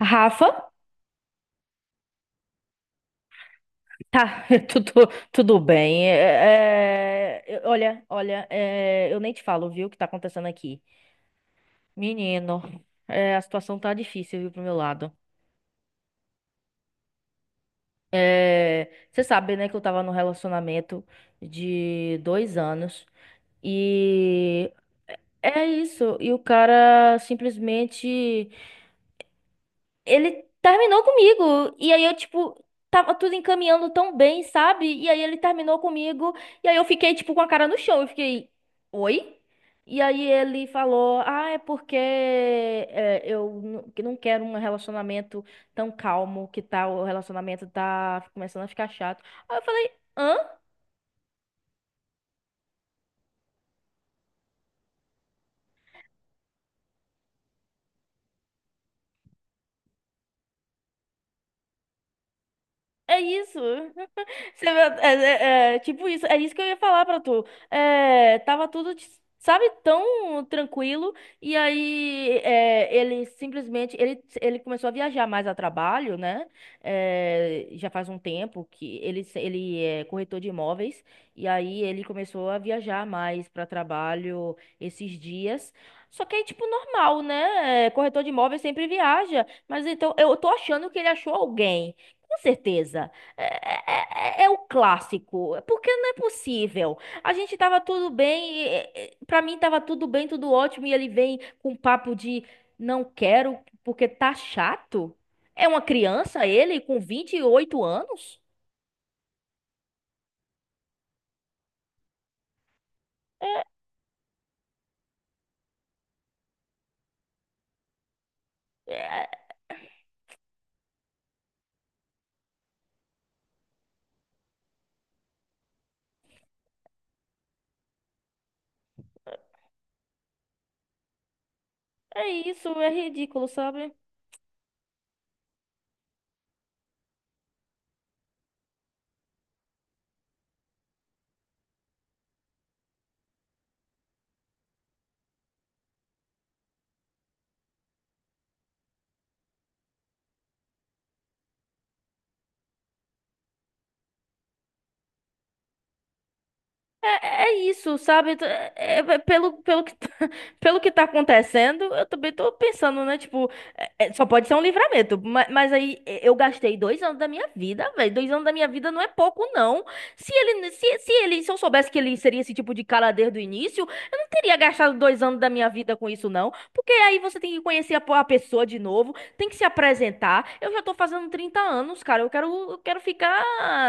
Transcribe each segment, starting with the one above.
Rafa, tá, tudo bem. Olha, eu nem te falo, viu, o que tá acontecendo aqui. Menino, a situação tá difícil, viu, pro meu lado. Você sabe, né, que eu tava num relacionamento de 2 anos e é isso. E o cara simplesmente ele terminou comigo. E aí eu, tipo, tava tudo encaminhando tão bem, sabe? E aí ele terminou comigo. E aí eu fiquei, tipo, com a cara no chão. Eu fiquei, oi? E aí ele falou, ah, é porque que não quero um relacionamento tão calmo, que tal, o relacionamento tá começando a ficar chato. Aí eu falei, hã? É isso? Você vê, é, tipo isso, é isso que eu ia falar pra tu. Tava tudo, sabe, tão tranquilo. E aí ele simplesmente ele começou a viajar mais a trabalho, né? Já faz um tempo que ele, se- ele é corretor de imóveis. E aí ele começou a viajar mais pra trabalho esses dias. Só que é tipo normal, né? Corretor de imóveis sempre viaja. Mas então eu tô achando que ele achou alguém. Com certeza. É o clássico, porque não é possível. A gente tava tudo bem, pra mim tava tudo bem, tudo ótimo, e ele vem com um papo de não quero porque tá chato. É uma criança ele com 28 anos? É isso, é ridículo, sabe? É isso, sabe? Pelo que tá acontecendo, eu também tô pensando, né? Tipo, só pode ser um livramento. Mas aí eu gastei 2 anos da minha vida, velho. Dois anos da minha vida não é pouco, não. Se eu soubesse que ele seria esse tipo de cara desde o início, eu não teria gastado 2 anos da minha vida com isso, não. Porque aí você tem que conhecer a pessoa de novo, tem que se apresentar. Eu já tô fazendo 30 anos, cara. Eu quero ficar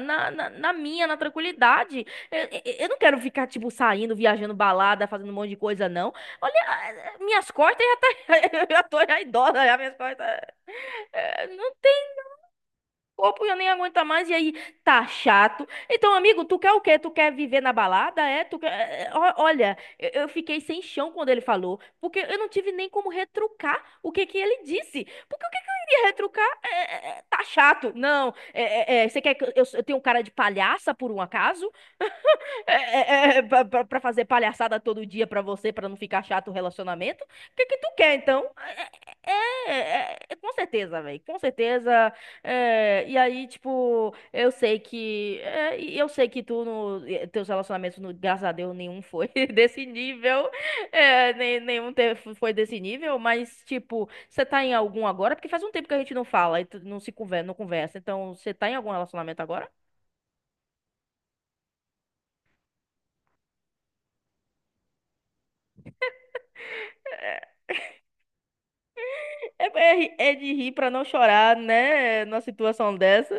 na tranquilidade. Eu, eu não quero ficar, tipo, saindo, viajando balada, fazendo um monte de coisa, não. Olha, minhas costas já tá. Eu já tô já idosa, já minhas costas. Não tem corpo, eu nem aguento mais. E aí, tá chato. Então, amigo, tu quer o quê? Tu quer viver na balada? É? Tu quer... Olha, eu fiquei sem chão quando ele falou. Porque eu não tive nem como retrucar o que que ele disse. Porque o que que eu iria retrucar? Tá chato. Não. Você quer que eu tenha um cara de palhaça, por um acaso? Pra fazer palhaçada todo dia pra você, pra não ficar chato o relacionamento? O que que tu quer, então? É, é, é, com certeza, velho. Com certeza. E aí, tipo, eu sei que... E eu sei que tu, no, e- teus relacionamentos, no, graças a Deus, nenhum foi desse nível. É, nem, Nenhum teve, foi desse nível, mas, tipo, você tá em algum agora? Porque faz um tempo que a gente não fala e tu não se conversa, não conversa. Então, você tá em algum relacionamento agora? É de rir pra não chorar, né? Numa situação dessa.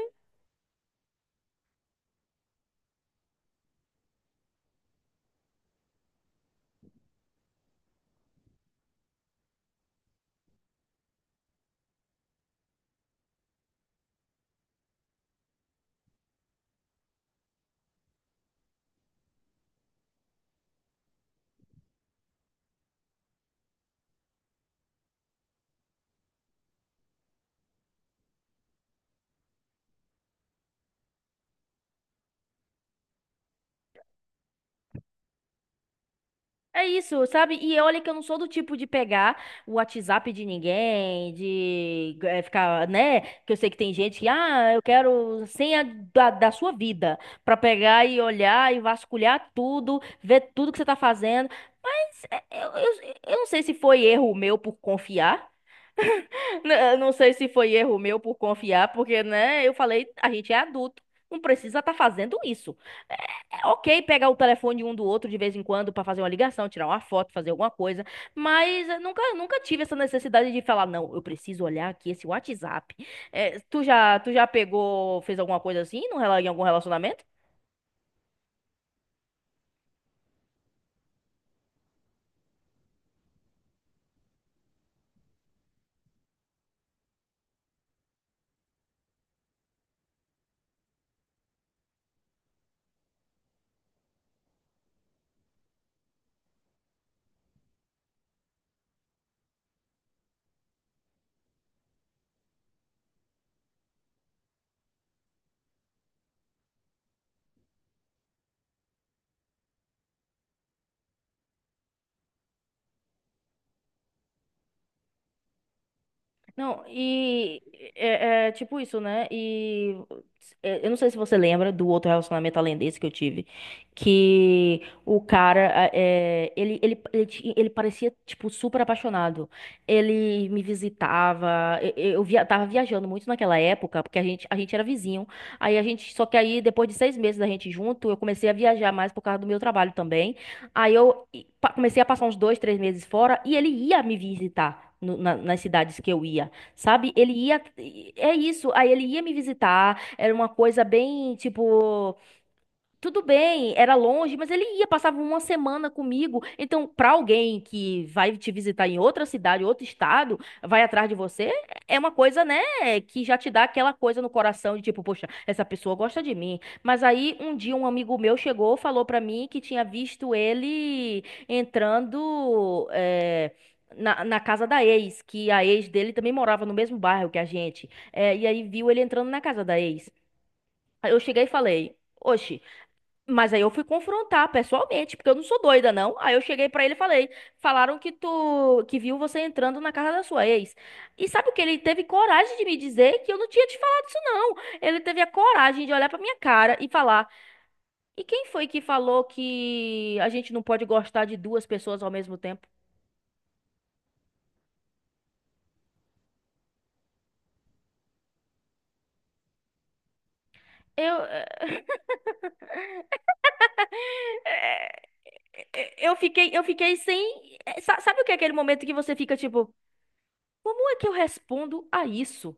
É isso, sabe? E olha que eu não sou do tipo de pegar o WhatsApp de ninguém, de ficar, né? Que eu sei que tem gente que, ah, eu quero senha da sua vida, pra pegar e olhar e vasculhar tudo, ver tudo que você tá fazendo. Mas, eu não sei se foi erro meu por confiar. Não sei se foi erro meu por confiar, porque, né, eu falei, a gente é adulto, não precisa estar fazendo isso. É, É ok pegar o telefone um do outro de vez em quando para fazer uma ligação, tirar uma foto, fazer alguma coisa, mas eu nunca tive essa necessidade de falar, não, eu preciso olhar aqui esse WhatsApp. Tu já pegou, fez alguma coisa assim no, rela- em algum relacionamento? Não. E é tipo isso, né? E eu não sei se você lembra do outro relacionamento além desse que eu tive, que o cara, ele parecia, tipo, super apaixonado. Ele me visitava, eu via, tava viajando muito naquela época, porque a gente era vizinho. Só que aí, depois de 6 meses da gente junto, eu comecei a viajar mais por causa do meu trabalho também. Aí eu e, pa- Comecei a passar uns 2, 3 meses fora e ele ia me visitar nas cidades que eu ia, sabe? Ele ia. É isso. Aí ele ia me visitar. Era uma coisa bem, tipo. Tudo bem, era longe, mas ele ia, passava uma semana comigo. Então, para alguém que vai te visitar em outra cidade, outro estado, vai atrás de você, é uma coisa, né, que já te dá aquela coisa no coração de tipo, poxa, essa pessoa gosta de mim. Mas aí, um dia, um amigo meu chegou, falou para mim que tinha visto ele entrando, na casa da ex, que a ex dele também morava no mesmo bairro que a gente. E aí viu ele entrando na casa da ex. Aí eu cheguei e falei: "Oxe", mas aí eu fui confrontar pessoalmente, porque eu não sou doida, não. Aí eu cheguei pra ele e falei: "Falaram que tu que viu você entrando na casa da sua ex." E sabe o que ele teve coragem de me dizer, que eu não tinha te falado isso, não. Ele teve a coragem de olhar pra minha cara e falar: "E quem foi que falou que a gente não pode gostar de duas pessoas ao mesmo tempo?" Eu é, eu fiquei sem... Sabe o que é aquele momento que você fica tipo: "Como é que eu respondo a isso?"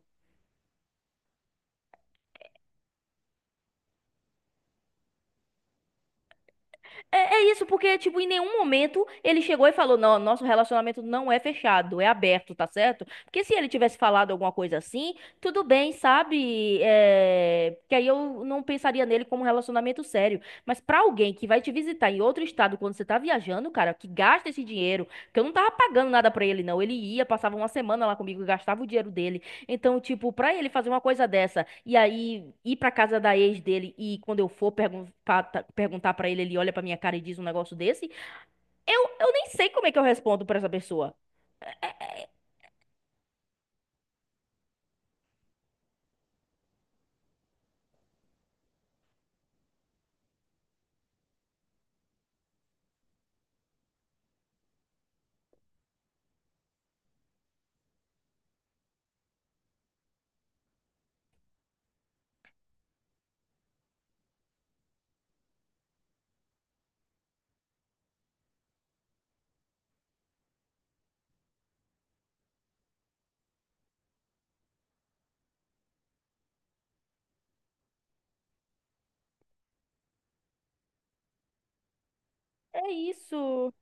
É isso, porque, tipo, em nenhum momento ele chegou e falou: "Não, nosso relacionamento não é fechado, é aberto, tá certo?" Porque se ele tivesse falado alguma coisa assim, tudo bem, sabe? É... Que aí eu não pensaria nele como um relacionamento sério. Mas pra alguém que vai te visitar em outro estado quando você tá viajando, cara, que gasta esse dinheiro, que eu não tava pagando nada pra ele, não. Ele ia, passava uma semana lá comigo, gastava o dinheiro dele. Então, tipo, pra ele fazer uma coisa dessa e aí ir pra casa da ex dele, e quando eu for perguntar pra ele, ele olha pra minha cara e diz um negócio desse, eu nem sei como é que eu respondo pra essa pessoa. É isso.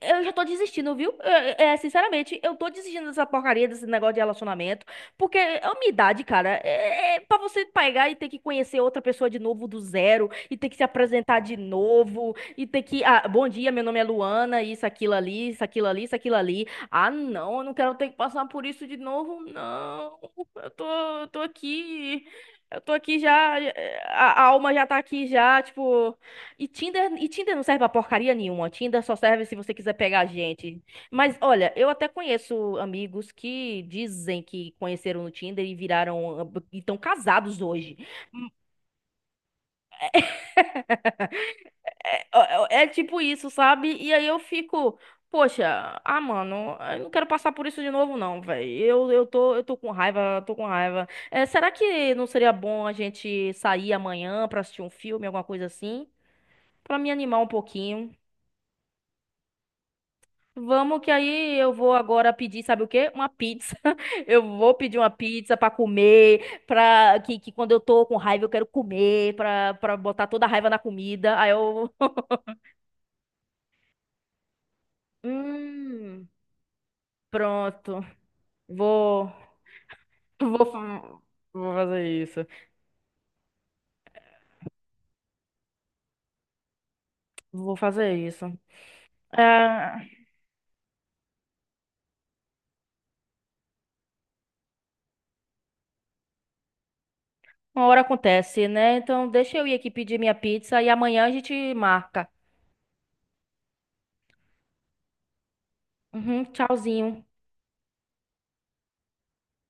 Eu já tô desistindo, viu? Sinceramente, eu tô desistindo dessa porcaria, desse negócio de relacionamento. Porque é a minha idade, cara, é pra você pegar e ter que conhecer outra pessoa de novo do zero, e ter que se apresentar de novo, e ter que... Ah, bom dia, meu nome é Luana, isso, aquilo ali, isso, aquilo ali, isso, aquilo ali. Ah, não, eu não quero ter que passar por isso de novo, não. Eu tô, eu tô aqui. Eu tô aqui já. A alma já tá aqui já, tipo. E Tinder não serve pra porcaria nenhuma. Tinder só serve se você quiser pegar gente. Mas olha, eu até conheço amigos que dizem que conheceram no Tinder e viraram e estão casados hoje. É, é tipo isso, sabe? E aí eu fico, poxa, ah, mano, eu não quero passar por isso de novo, não, velho. Eu tô com raiva, tô com raiva. Será que não seria bom a gente sair amanhã pra assistir um filme, alguma coisa assim? Pra me animar um pouquinho. Vamos, que aí eu vou agora pedir, sabe o quê? Uma pizza. Eu vou pedir uma pizza pra comer, que quando eu tô com raiva eu quero comer, pra para botar toda a raiva na comida. Aí eu hum, pronto. Vou vou fa- Vou fazer isso. Vou fazer isso. É, uma hora acontece, né? Então deixa eu ir aqui pedir minha pizza e amanhã a gente marca. Uhum, tchauzinho.